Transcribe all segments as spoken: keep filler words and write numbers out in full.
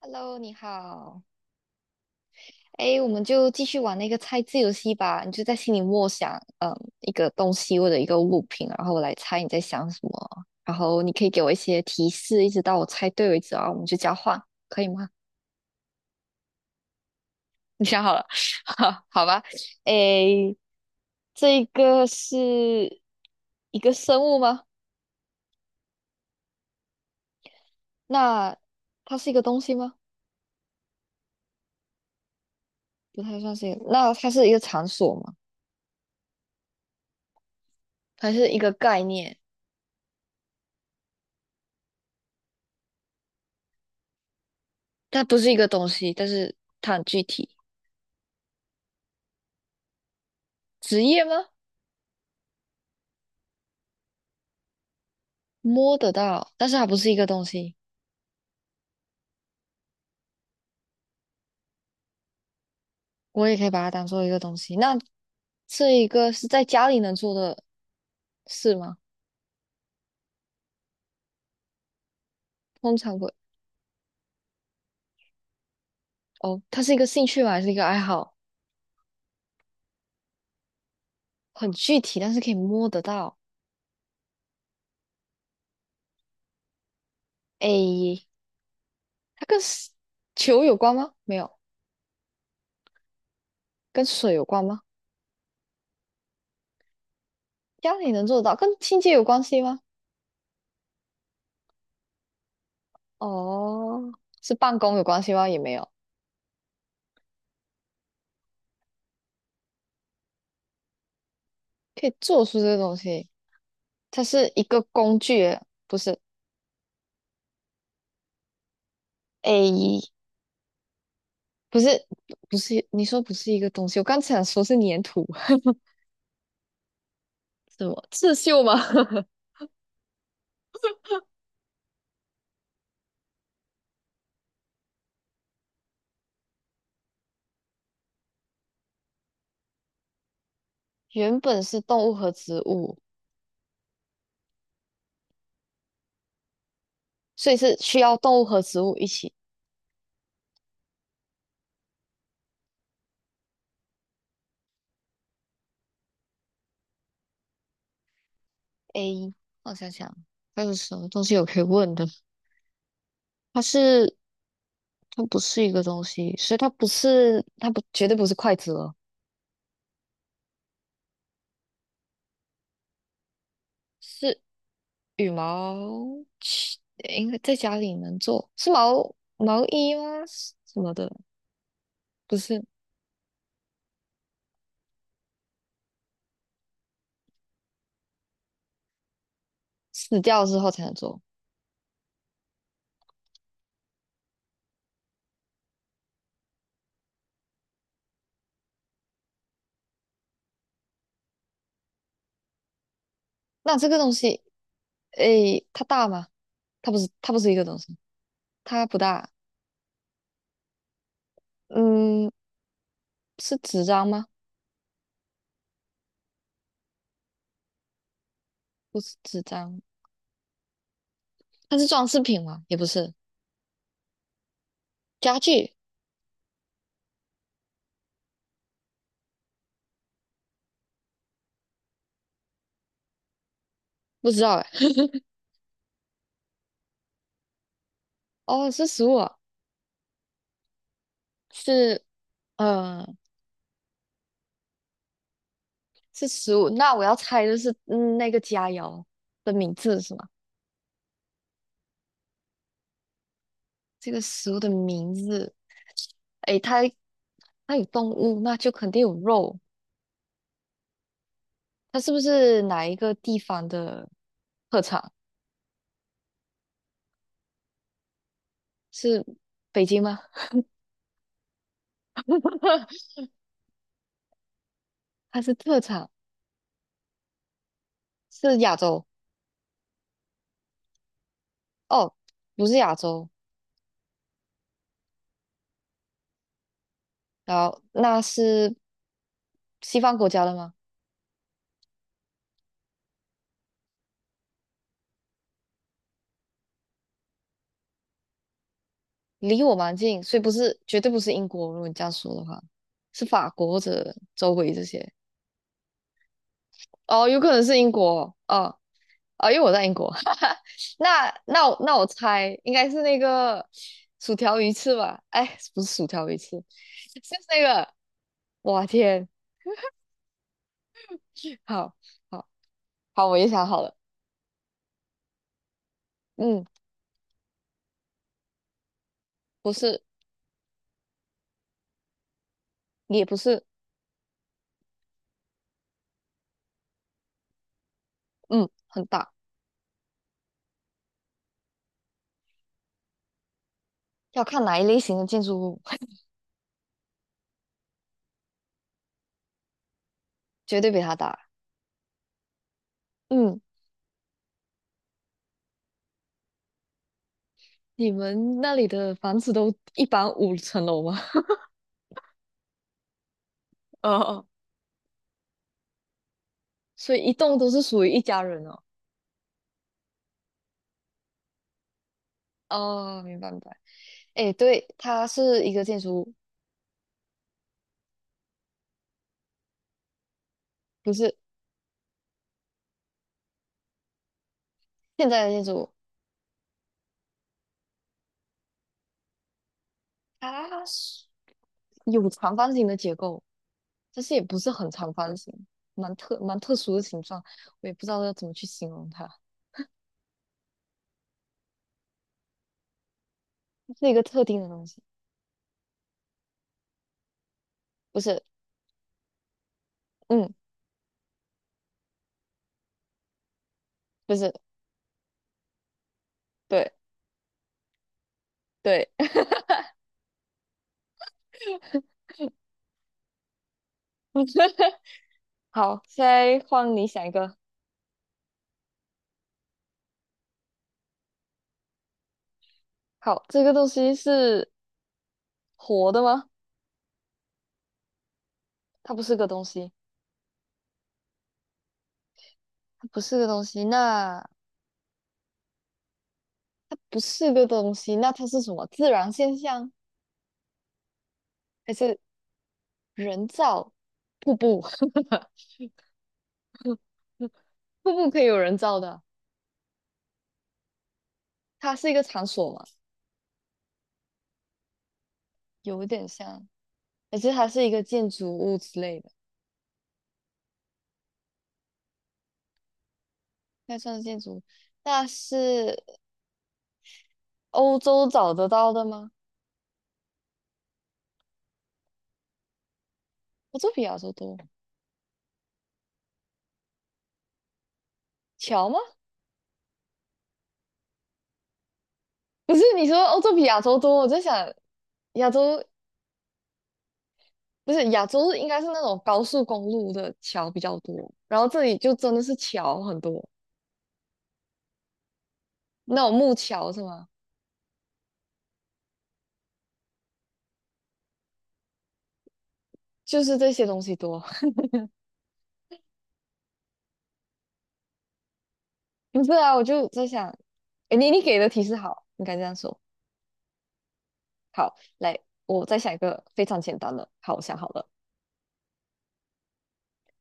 Hello，你好。哎，我们就继续玩那个猜字游戏吧。你就在心里默想，嗯，一个东西或者一个物品，然后我来猜你在想什么。然后你可以给我一些提示，一直到我猜对为止啊。我们就交换，可以吗？你想好了？好，好吧。哎，这个是一个生物吗？那它是一个东西吗？不太算是一个那它是一个场所吗？它是一个概念，它不是一个东西，但是它很具体。职业吗？摸得到，但是它不是一个东西，我也可以把它当做一个东西。那这一个是在家里能做的事吗？通常不，哦，它是一个兴趣吗？还是一个爱好？很具体，但是可以摸得到。诶，它跟 s- 球有关吗？没有，跟水有关吗？家里能做得到，跟清洁有关系吗？哦，是办公有关系吗？也没有，可以做出这个东西，它是一个工具，不是？诶。不是不是，你说不是一个东西，我刚才想说是粘土，什么刺绣吗？原本是动物和植物，所以是需要动物和植物一起。A，我想想还有什么东西我可以问的？它是它不是一个东西，所以它不是它不绝对不是筷子了，是羽毛，其应该在家里能做，是毛毛衣吗？什么的？不是，死掉之后才能做。那这个东西，诶，它大吗？它不是它不是一个东西，它不大。嗯，是纸张吗？不是纸张，它是装饰品吗？也不是，家具不知道哎。哦，是食物啊是嗯，是食物。那我要猜的是，嗯，那个佳肴的名字是吗？这个食物的名字，诶，它它有动物，那就肯定有肉。它是不是哪一个地方的特产？是北京吗？它是特产，是亚洲。哦，不是亚洲，然后那是西方国家的吗？离我蛮近，所以不是，绝对不是英国。如果你这样说的话，是法国或者周围这些。哦，有可能是英国。哦，哦，因为我在英国。那那我那我猜应该是那个薯条鱼翅吧？哎，不是薯条鱼翅，是那个。哇天，好好好，我也想好了。嗯，不是，也不是，嗯，很大，要看哪一类型的建筑物。绝对比它大。嗯，你们那里的房子都一般五层楼吗？哦，哦，所以一栋都是属于一家人哦。哦，明白明白。哎，对，它是一个建筑物，不是现在的建筑物，它是有长方形的结构，但是也不是很长方形，蛮特蛮特殊的形状，我也不知道要怎么去形容它，是一个特定的东西，不是，嗯，不是，对对，好，现在换你想一个，好，这个东西是。活的吗？它不是个东西，它不是个东西，那它不是个东西，那它是什么？自然现象还是人造瀑布？瀑布可以有人造的，它是一个场所嘛，有点像，而且它是一个建筑物之类的，那算是建筑物。那是欧洲找得到的吗？欧洲比亚洲多，桥吗？不是，你说欧洲比亚洲多，我在想亚洲不是亚洲应该是那种高速公路的桥比较多，然后这里就真的是桥很多，那种木桥是吗？就是这些东西多。不是啊，我就在想，诶你你给的提示好，应该这样说。好，来，我再想一个非常简单的。好，我想好了，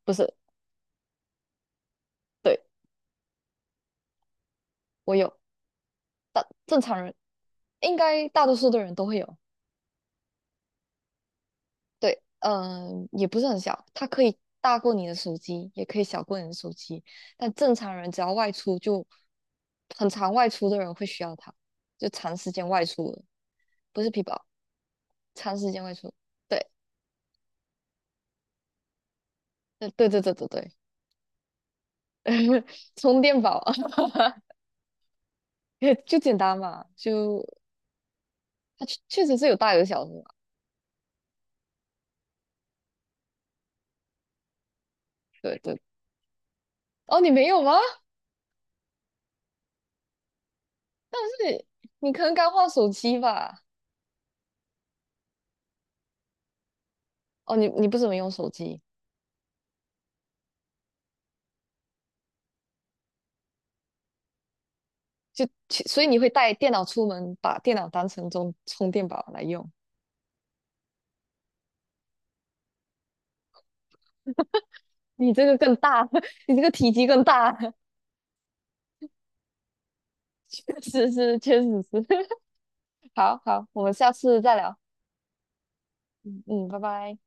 不是，对，我有，大正常人应该大多数的人都会有。对，嗯、也不是很小，它可以大过你的手机，也可以小过你的手机。但正常人只要外出就，很常外出的人会需要它，就长时间外出的不是皮包，长时间外出。对，呃对对对对对，充电宝 就简单嘛，就它确确实是有大有小的嘛。对对，哦，你没有吗？但是你可能刚换手机吧？哦，你你不怎么用手机？就其所以你会带电脑出门，把电脑当成充充电宝来用。你这个更大，你这个体积更大，是是，确实是。好好，我们下次再聊。嗯嗯，拜拜。